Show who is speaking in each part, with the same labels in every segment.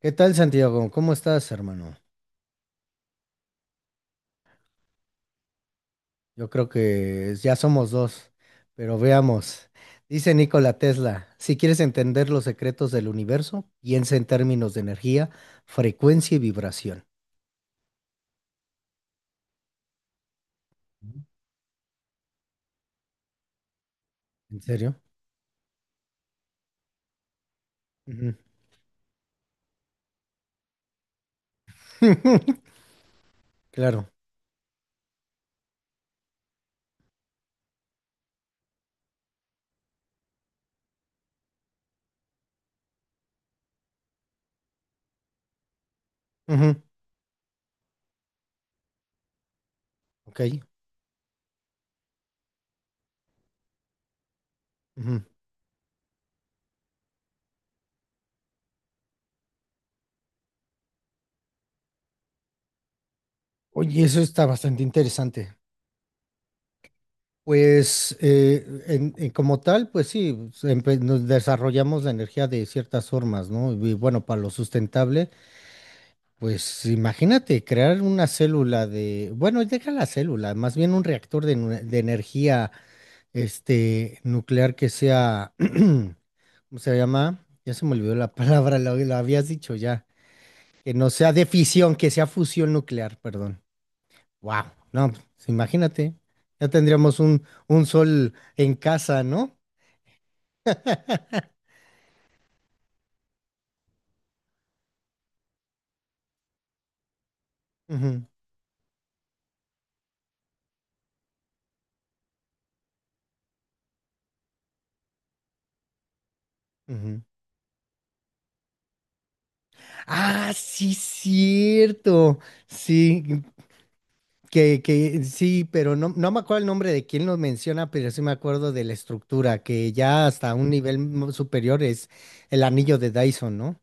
Speaker 1: ¿Qué tal, Santiago? ¿Cómo estás, hermano? Yo creo que ya somos dos, pero veamos. Dice Nikola Tesla: "Si quieres entender los secretos del universo, piensa en términos de energía, frecuencia y vibración." ¿En serio? Ujú. Claro. Ujú. Ok. Ujú. Oye, eso está bastante interesante. Pues en como tal, pues sí, nos desarrollamos la energía de ciertas formas, ¿no? Y bueno, para lo sustentable. Pues imagínate crear una célula de, bueno, deja la célula, más bien un reactor de, de energía nuclear que sea, ¿cómo se llama? Ya se me olvidó la palabra, la habías dicho ya, que no sea de fisión, que sea fusión nuclear, perdón. Wow, no, pues, imagínate, ya tendríamos un sol en casa, ¿no? Ujú, ujú. Ah, sí, cierto. Sí, que sí, pero no, no me acuerdo el nombre de quién lo menciona, pero sí me acuerdo de la estructura, que ya hasta un nivel superior es el anillo de Dyson, ¿no?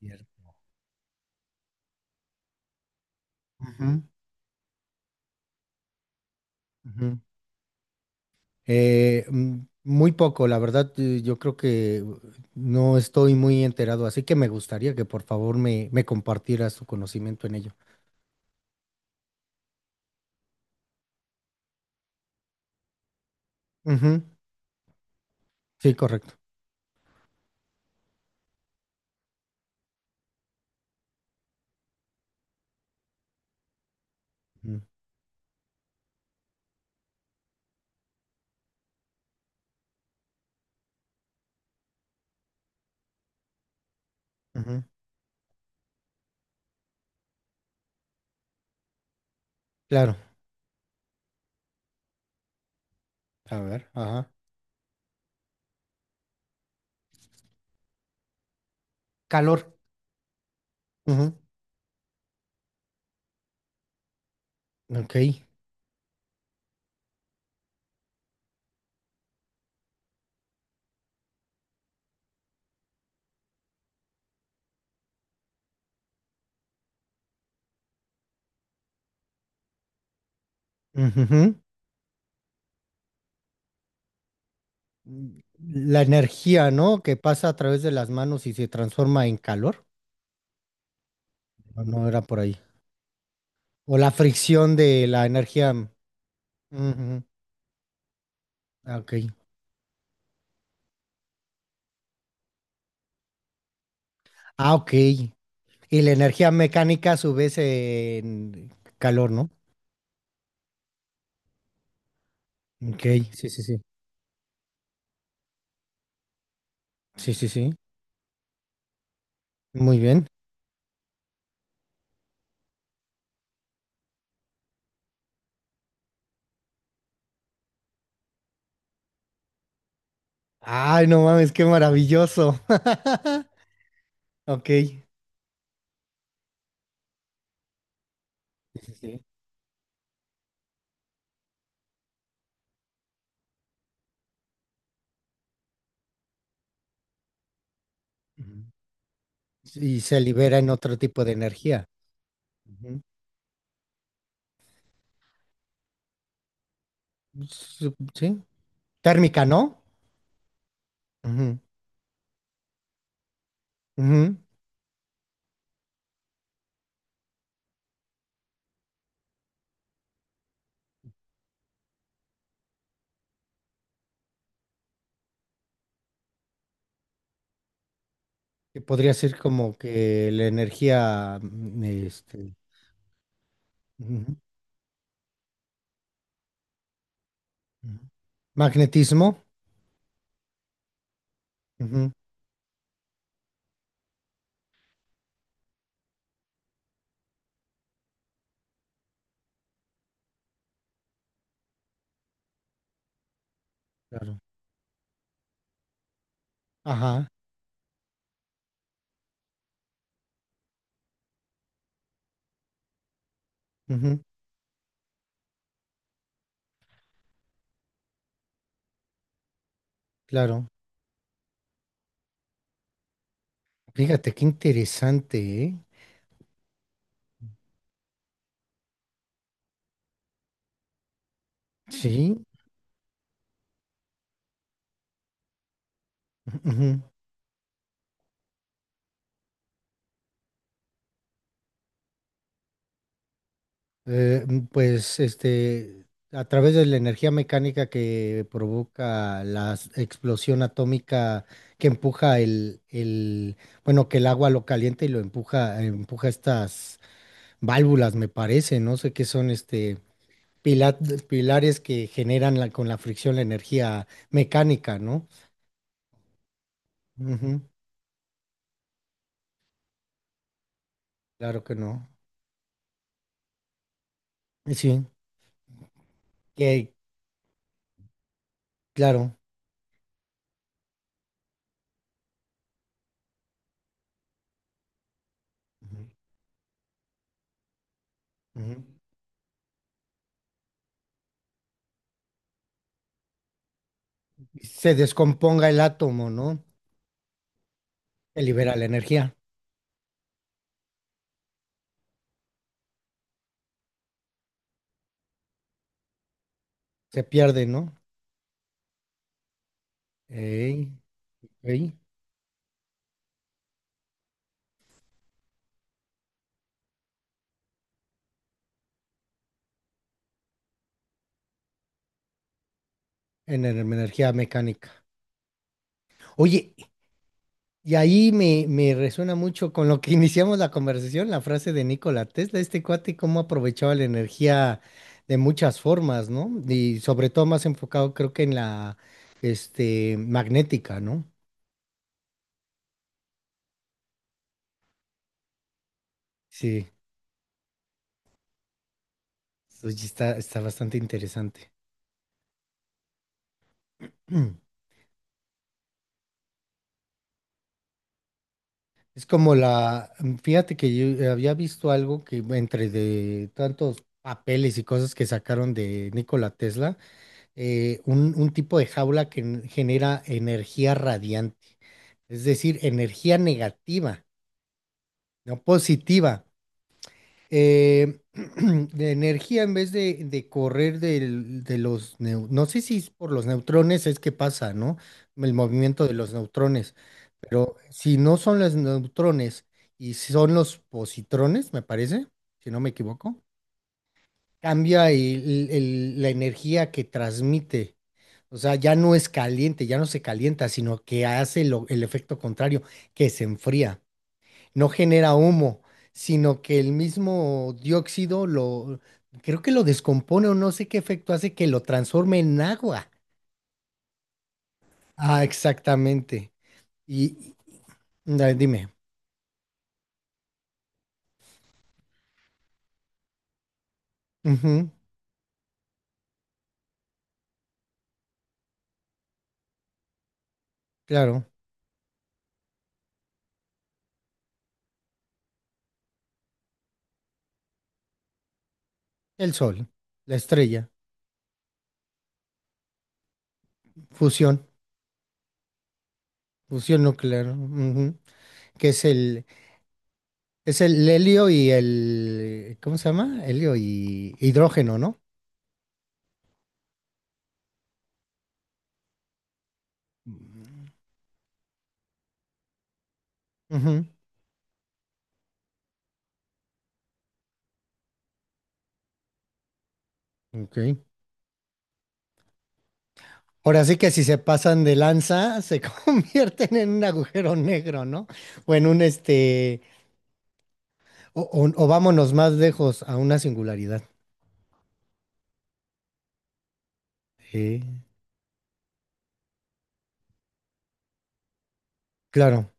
Speaker 1: Cierto. Ujú, ujú. Eh, mm, muy poco, la verdad, yo creo que no estoy muy enterado, así que me gustaría que por favor me compartieras tu conocimiento en ello. Ujú. Sí, correcto. Ujú, ujú. Claro. A ver, ajá. Calor. Ujú. Ok. Ujú. La energía, ¿no? Que pasa a través de las manos y se transforma en calor. ¿O no era por ahí? O la fricción de la energía. Ujú. Ah, ok. Ah, ok. Y la energía mecánica a su vez en calor, ¿no? Ok, sí, sí, sí. Sí, sí, sí. Muy bien. Ay, no mames, qué maravilloso. Ok. Sí, sí, sí. Ujú. Y se libera en otro tipo de energía. Ujú. Sí. Térmica, ¿no? Ujú. Ujú. Que podría ser como que la energía, ujú, ujú. Magnetismo. Ujú, claro. Ajá, ujú, claro. Fíjate, qué interesante, ¿eh? Sí. Ujú. Pues, a través de la energía mecánica que provoca la explosión atómica que empuja bueno, que el agua lo calienta y lo empuja, empuja estas válvulas, me parece, no sé qué son, pila- pilares que generan la- con la fricción la energía mecánica, ¿no? Ujú. Claro que no. Sí, que, claro. Ujú, ujú. Se descomponga el átomo, ¿no? Se libera la energía. Se pierde, ¿no? Ey, ey, en energía mecánica. Oye, y ahí me resuena mucho con lo que iniciamos la conversación, la frase de Nikola Tesla, este cuate, cómo aprovechaba la energía de muchas formas, ¿no? Y sobre todo más enfocado, creo que en la, magnética, ¿no? Sí, oye, está bastante interesante. Mm. Es como la, fíjate que yo había visto algo que entre de tantos papeles y cosas que sacaron de Nikola Tesla, un, tipo de jaula que genera energía radiante. Es decir, energía negativa, no positiva. Eh, de energía en vez de correr de los, no sé si es por los neutrones es que pasa, ¿no? El movimiento de los neutrones, pero si no son los neutrones y son los positrones, me parece, si no me equivoco, cambia la energía que transmite. O sea, ya no es caliente, ya no se calienta, sino que hace el efecto contrario, que se enfría. No genera humo, sino que el mismo dióxido creo que lo descompone o no sé qué efecto hace que lo transforme en agua. Ah, exactamente. Y, ah, dime. Ujú, claro, el sol, la estrella, fusión, fusión nuclear, ujú, que es es el helio y el, ¿cómo se llama? Helio y hidrógeno, ¿no? Ujú, ok. Ahora sí que, si se pasan de lanza, se convierten en un agujero negro, ¿no? O en un o vámonos más lejos a una singularidad. Sí. Claro,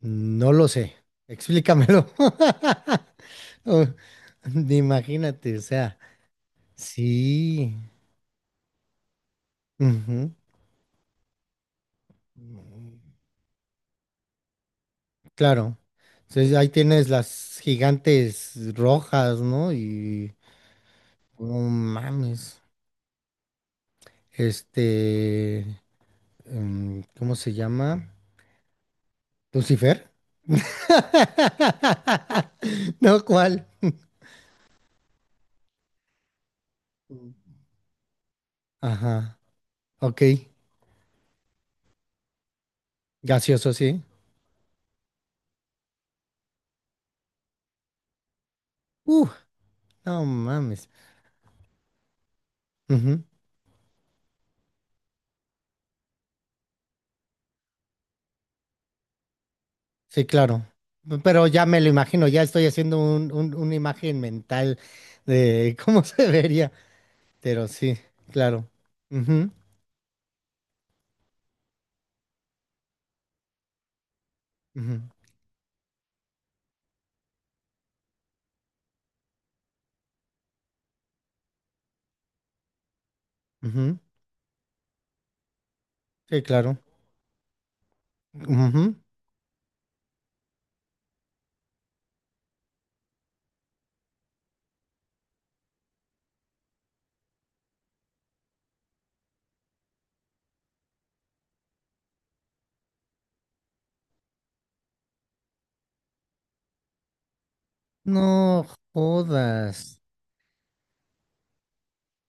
Speaker 1: no lo sé. Explícamelo. Oh, imagínate, o sea, sí. Ujú, mm, claro. Entonces, ahí tienes las gigantes rojas, ¿no? Y no mames. Este. ¿Cómo se llama? ¿Lucifer? No, ¿cuál? Ajá, ok. Gaseoso, sí. Uh, no mames. Ujú, sí, claro. Pero ya me lo imagino, ya estoy haciendo un, una imagen mental de cómo se vería. Pero sí, claro. Ujú, ujú, ujú, sí, claro. Ujú. No jodas.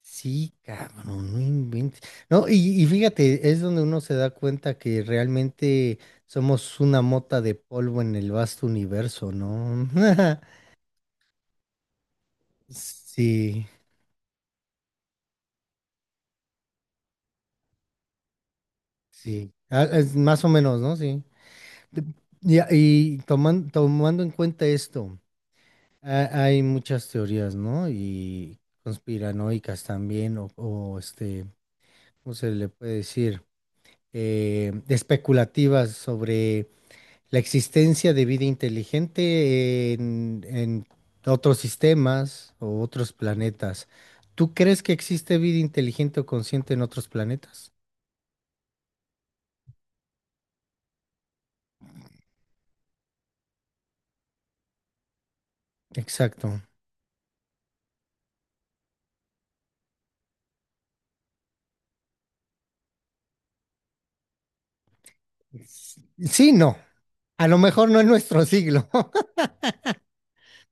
Speaker 1: Sí, cabrón, no no inventes. No, y fíjate, es donde uno se da cuenta que realmente somos una mota de polvo en el vasto universo, ¿no? Sí, sí. Ah, es más o menos, ¿no? Sí. Pe- y tomando en cuenta esto, hay muchas teorías, ¿no? Y conspiranoicas también, o ¿cómo se le puede decir? Especulativas sobre la existencia de vida inteligente en otros sistemas o otros planetas. ¿Tú crees que existe vida inteligente o consciente en otros planetas? Exacto. Sí, no. A lo mejor no en nuestro siglo,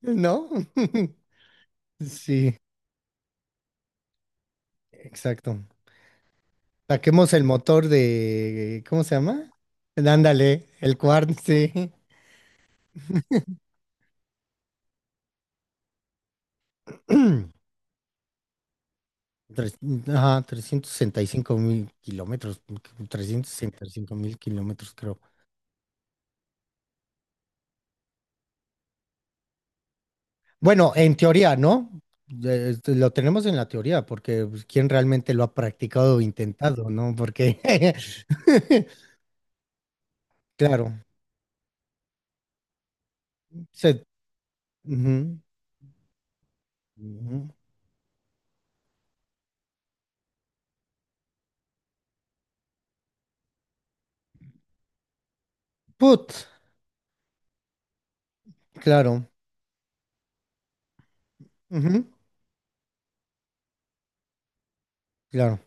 Speaker 1: ¿no? Sí, exacto. Saquemos el motor de, ¿cómo se llama? Ándale, el cuarto, sí. Tres- ajá, 365.000 kilómetros, 365.000 kilómetros creo. Bueno, en teoría, ¿no? Lo tenemos en la teoría, porque pues, ¿quién realmente lo ha practicado o intentado?, ¿no? Porque, claro, se- ujú, ujú. Put, claro, ujú, claro,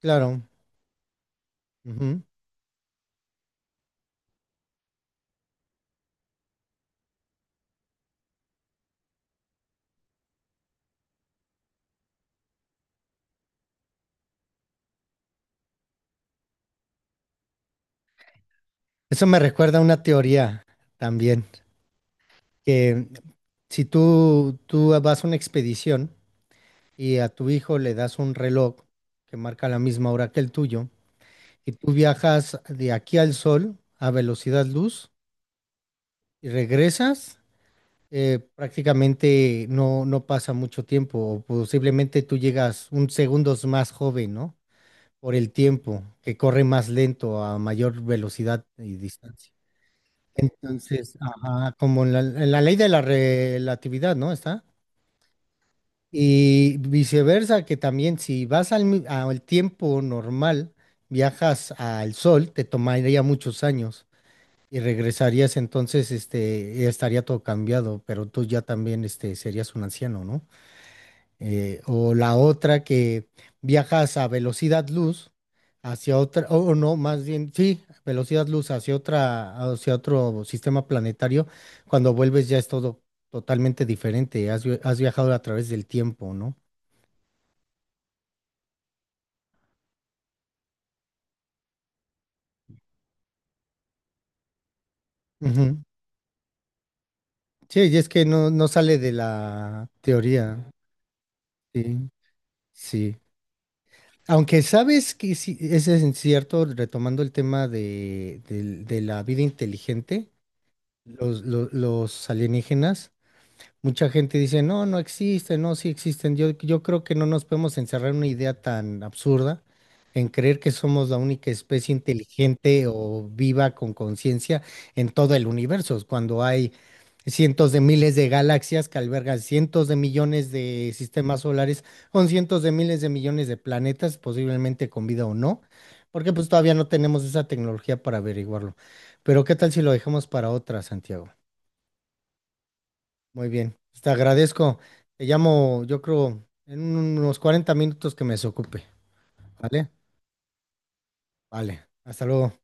Speaker 1: claro. Ujú. Eso me recuerda a una teoría también, que si tú vas a una expedición, y a tu hijo le das un reloj que marca la misma hora que el tuyo, y tú viajas de aquí al sol a velocidad luz y regresas, prácticamente no, no pasa mucho tiempo, o posiblemente tú llegas un segundos más joven, ¿no? Por el tiempo, que corre más lento a mayor velocidad y distancia. Entonces, ajá, como en la, ley de la relatividad, ¿no? Está. Y viceversa, que también si vas al tiempo normal, viajas al sol, te tomaría muchos años y regresarías entonces, ya estaría todo cambiado, pero tú ya también, este, serías un anciano, ¿no? O la otra que viajas a velocidad luz hacia otra, o no, más bien, sí, velocidad luz hacia otra, hacia otro sistema planetario, cuando vuelves ya es todo totalmente diferente, has viajado a través del tiempo, ¿no? Ujú. Sí, y es que no, no sale de la teoría. Sí, sí. Aunque sabes que sí, ese es cierto, retomando el tema de, de la vida inteligente, los alienígenas, mucha gente dice, no, no existen, no, sí existen. Yo creo que no nos podemos encerrar en una idea tan absurda, en creer que somos la única especie inteligente o viva con conciencia en todo el universo, cuando hay cientos de miles de galaxias que albergan cientos de millones de sistemas solares, con cientos de miles de millones de planetas, posiblemente con vida o no, porque pues todavía no tenemos esa tecnología para averiguarlo. Pero, ¿qué tal si lo dejamos para otra, Santiago? Muy bien, pues te agradezco. Te llamo, yo creo, en unos 40 minutos que me desocupe. ¿Vale? Vale. Hasta luego.